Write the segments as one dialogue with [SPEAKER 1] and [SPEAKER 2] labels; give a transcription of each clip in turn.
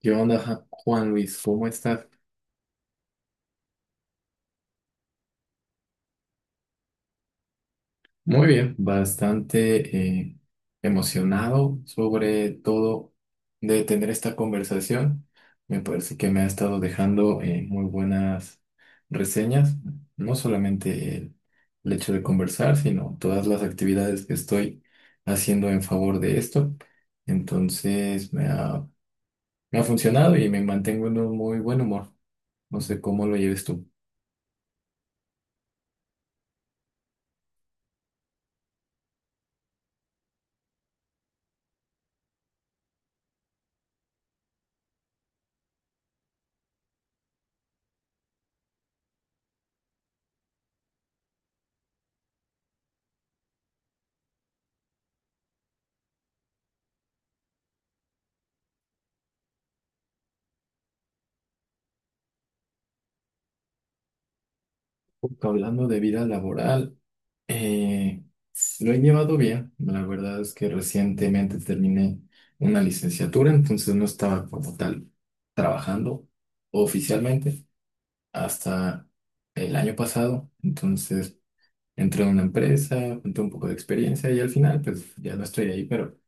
[SPEAKER 1] ¿Qué onda, Juan Luis? ¿Cómo estás? Muy bien, bastante emocionado sobre todo de tener esta conversación. Me parece que me ha estado dejando muy buenas reseñas, no solamente el hecho de conversar, sino todas las actividades que estoy haciendo en favor de esto. Entonces me ha funcionado y me mantengo en un muy buen humor. No sé cómo lo lleves tú. Hablando de vida laboral. Eh, lo he llevado bien. La verdad es que recientemente terminé una licenciatura, entonces no estaba como tal trabajando oficialmente hasta el año pasado. Entonces entré en una empresa, junté un poco de experiencia y al final pues ya no estoy ahí, pero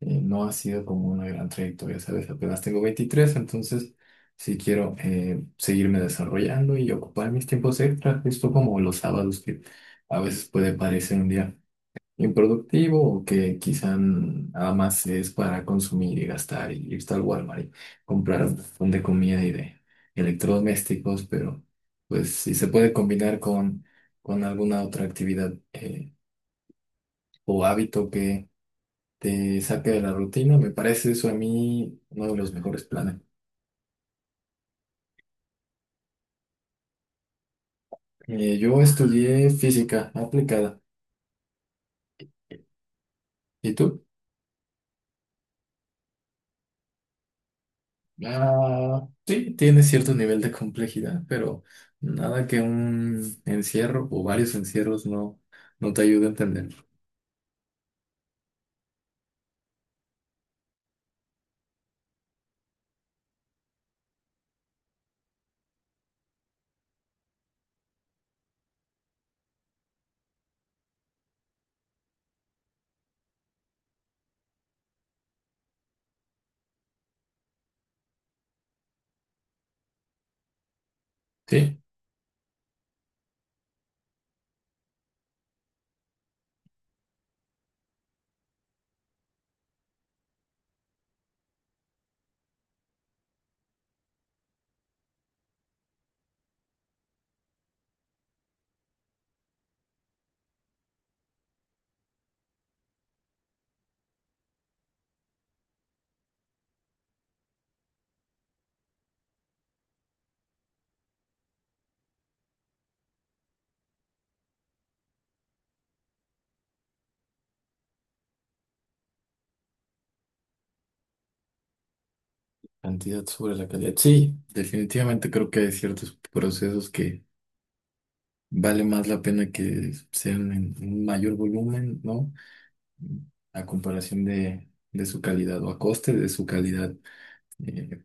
[SPEAKER 1] no ha sido como una gran trayectoria, ¿sabes? Apenas tengo 23, entonces sí quiero seguirme desarrollando y ocupar mis tiempos extras, justo como los sábados que... A veces puede parecer un día improductivo o que quizá nada más es para consumir y gastar y irse al Walmart y comprar un montón de comida y de electrodomésticos, pero pues si se puede combinar con alguna otra actividad o hábito que te saque de la rutina, me parece eso a mí uno de los mejores planes. Yo estudié física aplicada. ¿Y tú? Ah, sí, tiene cierto nivel de complejidad, pero nada que un encierro o varios encierros no te ayude a entender. Sí, cantidad sobre la calidad. Sí, definitivamente creo que hay ciertos procesos que vale más la pena que sean en un mayor volumen, ¿no? A comparación de su calidad o a coste de su calidad. Eh,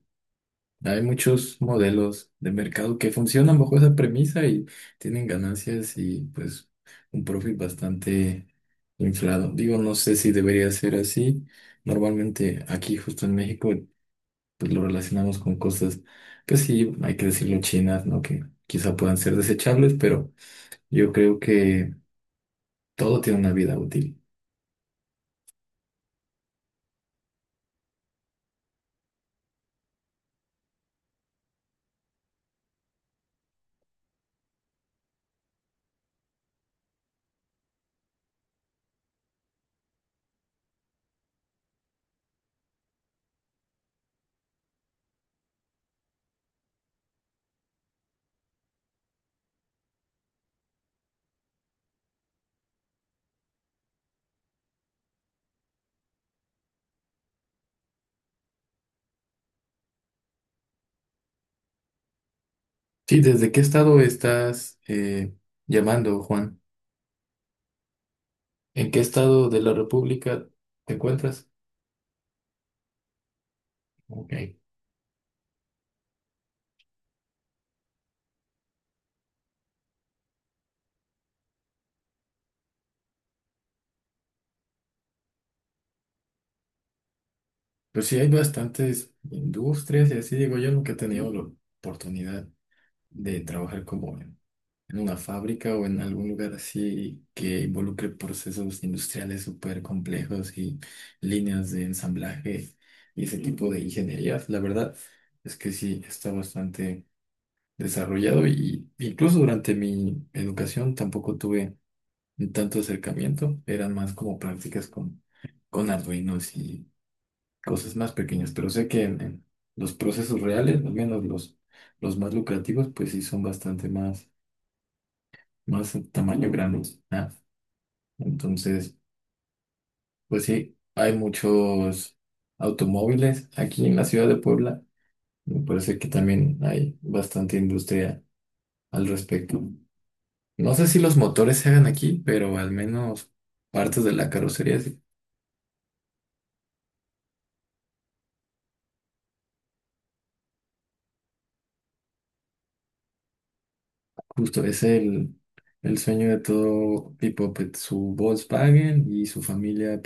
[SPEAKER 1] Hay muchos modelos de mercado que funcionan bajo esa premisa y tienen ganancias y pues un profit bastante inflado. Digo, no sé si debería ser así. Normalmente aquí justo en México pues lo relacionamos con cosas, pues sí, hay que decirlo chinas, ¿no? Que quizá puedan ser desechables, pero yo creo que todo tiene una vida útil. Sí, ¿desde qué estado estás llamando, Juan? ¿En qué estado de la República te encuentras? Ok. Pues sí, hay bastantes industrias y así digo, yo nunca he tenido la oportunidad de trabajar como en una fábrica o en algún lugar así que involucre procesos industriales súper complejos y líneas de ensamblaje y ese tipo de ingenierías. La verdad es que sí, está bastante desarrollado y incluso durante mi educación tampoco tuve tanto acercamiento, eran más como prácticas con Arduinos y cosas más pequeñas, pero sé que en los procesos reales, al menos los más lucrativos, pues sí son bastante más, más en tamaño grandes. ¿Ah? Entonces, pues sí, hay muchos automóviles aquí en la ciudad de Puebla. Me parece que también hay bastante industria al respecto. No sé si los motores se hagan aquí, pero al menos partes de la carrocería, sí. Justo es el... El sueño de todo Pipopet, su Volkswagen y su familia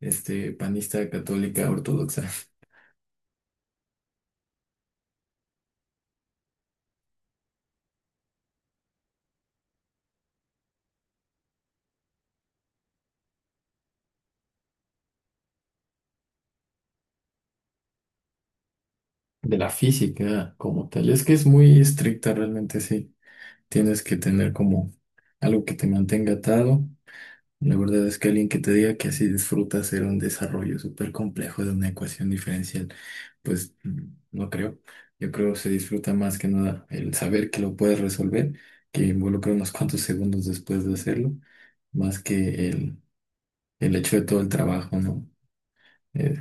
[SPEAKER 1] este, panista católica ortodoxa, de la física como tal. Es que es muy estricta realmente, sí. Tienes que tener como algo que te mantenga atado. La verdad es que alguien que te diga que así disfrutas hacer un desarrollo súper complejo de una ecuación diferencial, pues no creo. Yo creo que se disfruta más que nada el saber que lo puedes resolver, que involucra unos cuantos segundos después de hacerlo más que el hecho de todo el trabajo, ¿no? Eh,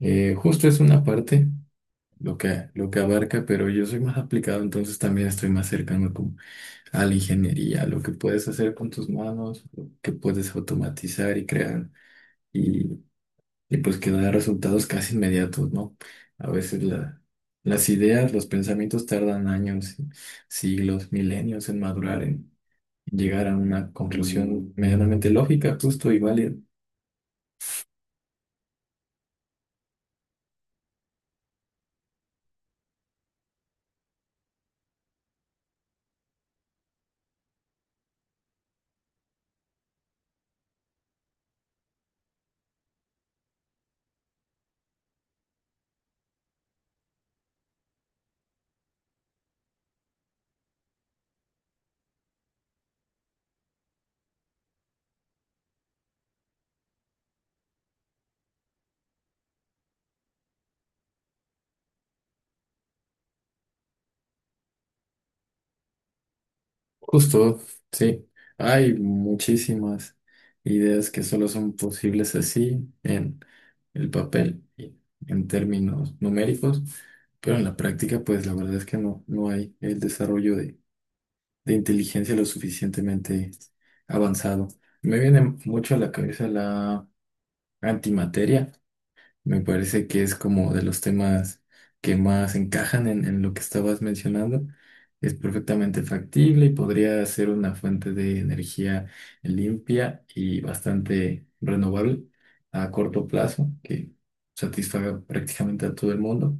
[SPEAKER 1] justo es una parte, lo que abarca, pero yo soy más aplicado, entonces también estoy más cercano como a la ingeniería, a lo que puedes hacer con tus manos, lo que puedes automatizar y crear, y, y pues que da resultados casi inmediatos, ¿no? A veces las ideas, los pensamientos tardan años, siglos, milenios en madurar, en llegar a una conclusión medianamente lógica, justo y válida. Justo, sí. Hay muchísimas ideas que solo son posibles así en el papel y en términos numéricos, pero en la práctica, pues la verdad es que no, no hay el desarrollo de inteligencia lo suficientemente avanzado. Me viene mucho a la cabeza la antimateria. Me parece que es como de los temas que más encajan en lo que estabas mencionando. Es perfectamente factible y podría ser una fuente de energía limpia y bastante renovable a corto plazo, que satisfaga prácticamente a todo el mundo,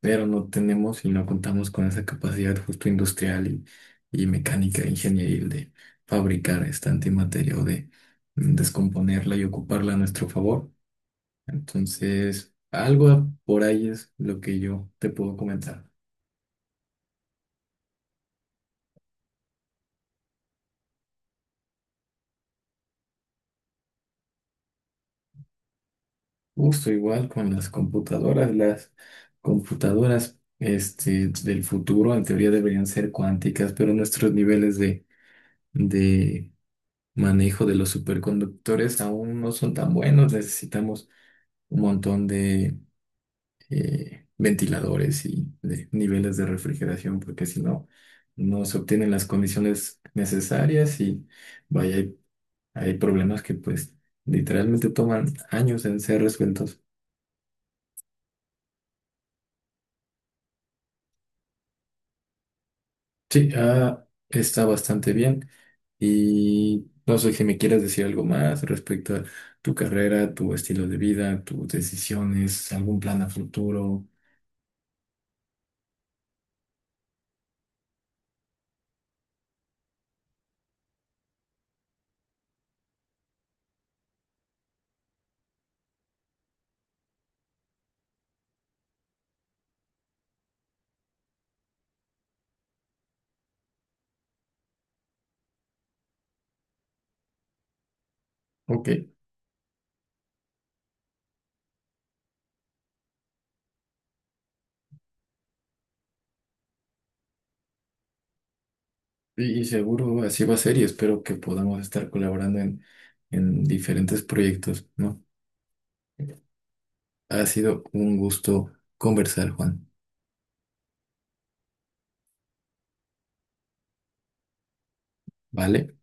[SPEAKER 1] pero no tenemos y no contamos con esa capacidad justo industrial y mecánica, ingenieril de fabricar esta antimateria o de descomponerla y ocuparla a nuestro favor. Entonces, algo por ahí es lo que yo te puedo comentar. Justo igual con las computadoras este, del futuro en teoría deberían ser cuánticas, pero nuestros niveles de manejo de los superconductores aún no son tan buenos. Necesitamos un montón de ventiladores y de niveles de refrigeración, porque si no, no se obtienen las condiciones necesarias y vaya, hay problemas que pues literalmente toman años en ser resueltos. Sí, ah, está bastante bien. Y no sé si me quieres decir algo más respecto a tu carrera, tu estilo de vida, tus decisiones, algún plan a futuro. Ok, y seguro así va a ser y espero que podamos estar colaborando en diferentes proyectos, ¿no? Ha sido un gusto conversar, Juan, ¿vale?